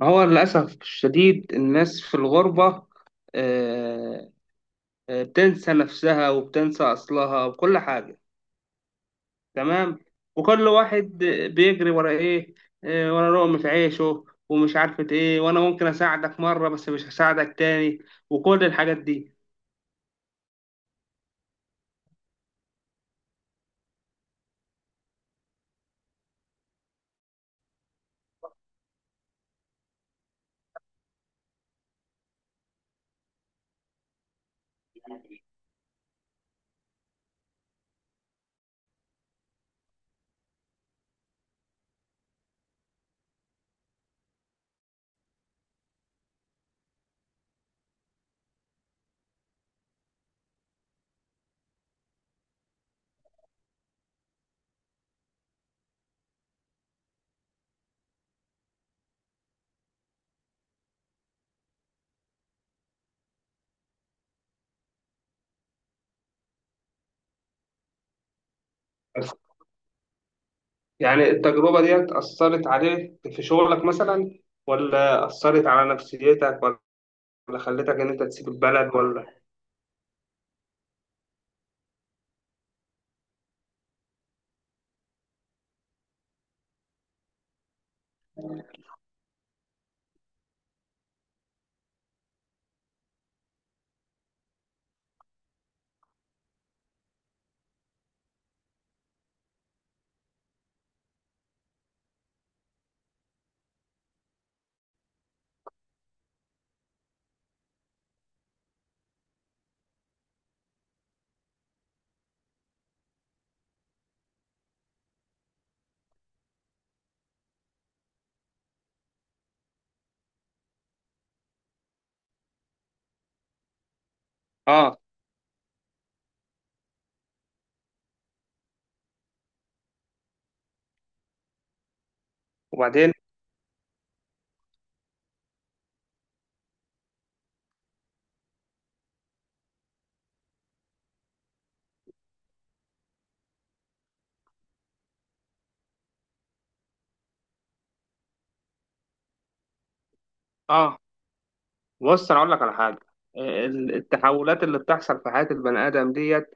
ما هو للأسف الشديد الناس في الغربة، آه، بتنسى نفسها وبتنسى أصلها وكل حاجة. تمام. وكل واحد بيجري ورا إيه؟ ورا لقمة عيشه ومش عارفة إيه، وأنا ممكن أساعدك مرة بس مش هساعدك تاني وكل الحاجات دي. يعني التجربة دي أثرت عليك في شغلك مثلا، ولا أثرت على نفسيتك، ولا خلتك إن أنت تسيب البلد ولا؟ آه. وبعدين؟ آه بص انا اقول لك على حاجه. التحولات اللي بتحصل في حياه البني ادم ديت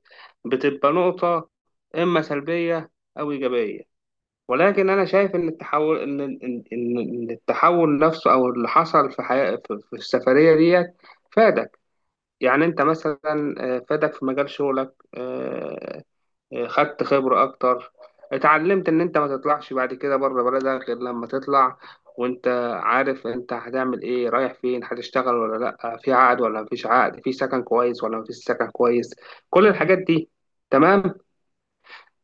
بتبقى نقطه، اما سلبيه او ايجابيه، ولكن انا شايف ان التحول ان ان ان إن التحول نفسه او اللي حصل في حياه في السفريه ديت فادك. يعني انت مثلا فادك في مجال شغلك، خدت خبرة أكتر، اتعلمت إن أنت ما تطلعش بعد كده بره بلدك غير لما تطلع وأنت عارف أنت هتعمل إيه، رايح فين، هتشتغل ولا لأ، في عقد ولا مفيش عقد، في سكن كويس ولا مفيش سكن كويس، كل الحاجات دي. تمام.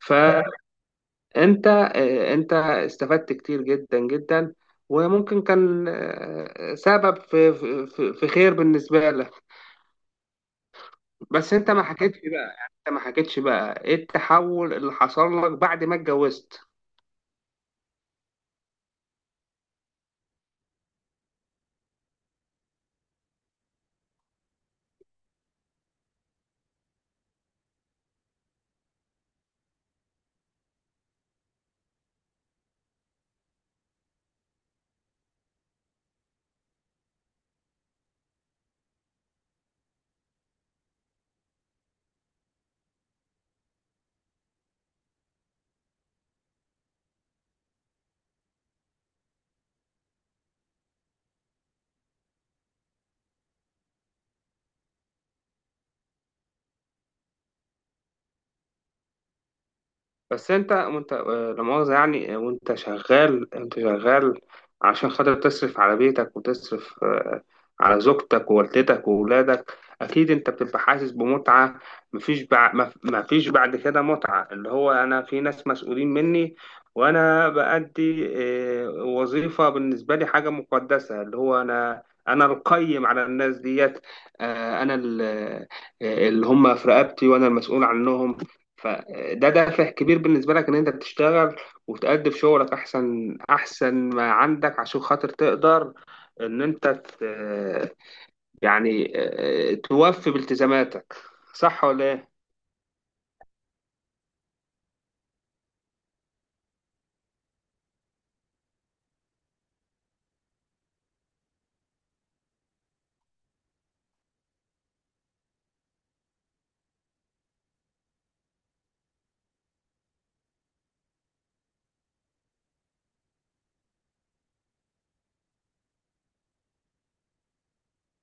فأنت أنت استفدت كتير جدا جدا، وممكن كان سبب في خير بالنسبة لك. بس أنت ما حكيتش بقى، إيه التحول اللي حصل لك بعد ما اتجوزت؟ بس انت وانت آه، لا مؤاخذة، يعني وانت شغال، انت شغال، عشان خاطر تصرف على بيتك، وتصرف على زوجتك ووالدتك وولادك، اكيد انت بتبقى حاسس بمتعة. مفيش بعد مفيش بعد كده متعة اللي هو انا في ناس مسؤولين مني، وانا بأدي وظيفة بالنسبة لي حاجة مقدسة، اللي هو انا القيم على الناس ديت، آه، انا ال- آه، اللي هم في رقبتي وانا المسؤول عنهم. فده دافع كبير بالنسبة لك إن أنت بتشتغل وتأدي في شغلك أحسن ما عندك، عشان خاطر تقدر إن يعني توفي بالتزاماتك. صح ولا إيه؟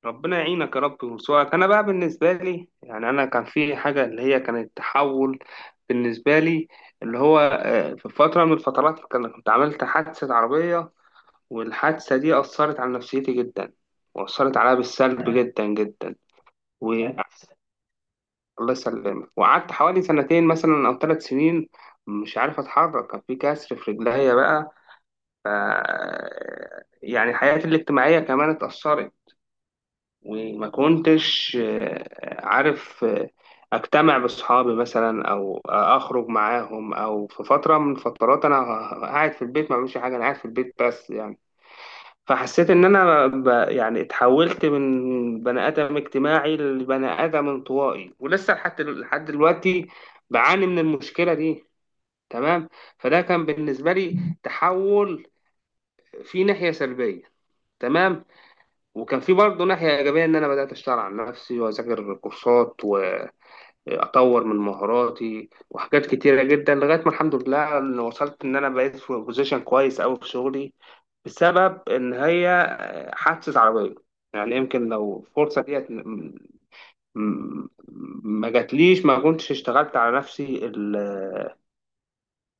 ربنا يعينك يا رب ويرزقك. أنا بقى بالنسبة لي، يعني أنا كان في حاجة اللي هي كانت تحول بالنسبة لي، اللي هو في فترة من الفترات كنت عملت حادثة عربية، والحادثة دي أثرت على نفسيتي جدا وأثرت عليا بالسلب جدا جدا، وأحسن. الله يسلمك. وقعدت حوالي سنتين مثلا أو ثلاث سنين مش عارف أتحرك، كان في كسر في رجليا بقى. ف يعني حياتي الاجتماعية كمان اتأثرت، وما كنتش عارف أجتمع بأصحابي مثلا أو أخرج معاهم، أو في فترة من فترات أنا قاعد في البيت ما بعملش حاجة، أنا قاعد في البيت بس، يعني. فحسيت ان انا يعني اتحولت من بني ادم اجتماعي لبني ادم انطوائي، ولسه لحد لحد دلوقتي بعاني من المشكله دي. تمام. فده كان بالنسبه لي تحول في ناحيه سلبيه. تمام. وكان في برضه ناحيه ايجابيه، ان انا بدات اشتغل على نفسي واذاكر كورسات، اطور من مهاراتي وحاجات كتيره جدا، لغايه ما الحمد لله إن وصلت ان انا بقيت في بوزيشن كويس قوي في شغلي بسبب ان هي حادثه عربيه. يعني يمكن لو الفرصه ديت م- ما جاتليش ما كنتش اشتغلت على نفسي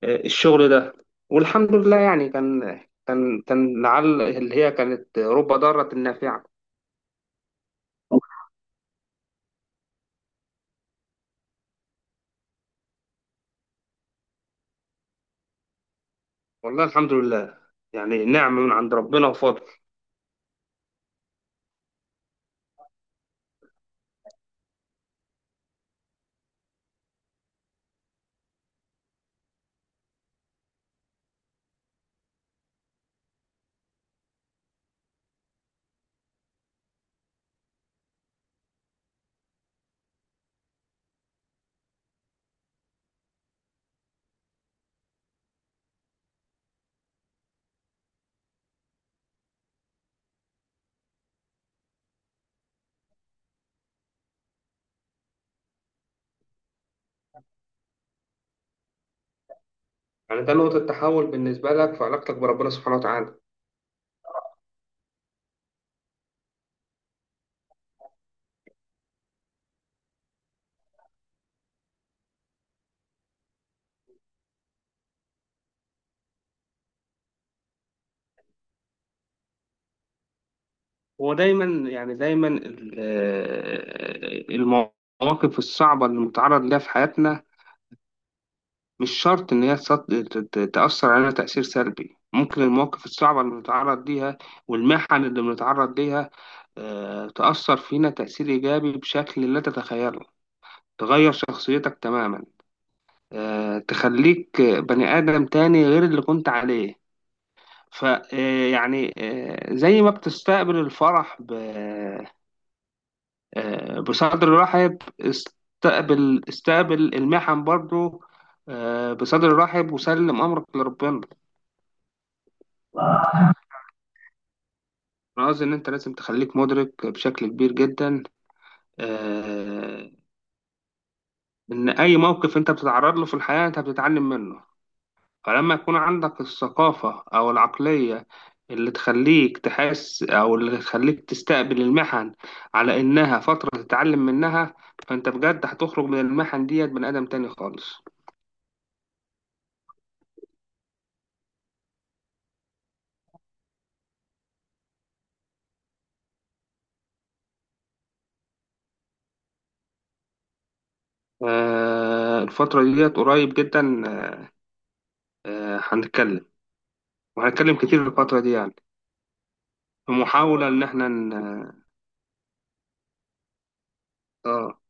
الشغل ده، والحمد لله. يعني كان لعل اللي هي كانت رب ضارة نافعة. والله الحمد لله، يعني نعمة من عند ربنا وفضل. يعني ده نقطة تحول بالنسبة لك في علاقتك بربنا سبحانه وتعالى؟ هو دايما، يعني دايما المواقف الصعبة اللي متعرض لها في حياتنا مش شرط إن هي تأثر علينا تأثير سلبي، ممكن المواقف الصعبة اللي بنتعرض ليها والمحن اللي بنتعرض ليها تأثر فينا تأثير إيجابي بشكل لا تتخيله، تغير شخصيتك تماما، تخليك بني آدم تاني غير اللي كنت عليه. ف آه، يعني زي ما بتستقبل الفرح بصدر رحب، استقبل المحن برضو بصدر رحب، وسلم امرك لربنا. انا قصدي ان انت لازم تخليك مدرك بشكل كبير جدا، آه، ان اي موقف انت بتتعرض له في الحياة انت بتتعلم منه. فلما يكون عندك الثقافة أو العقلية اللي تخليك تحس، أو اللي تخليك تستقبل المحن على إنها فترة تتعلم منها، فأنت بجد هتخرج من المحن ديت بني آدم تاني خالص. آه، الفترة ديت قريب جدا، آه، هنتكلم، وهنتكلم كتير في الفترة دي، يعني في محاولة إن إحنا آه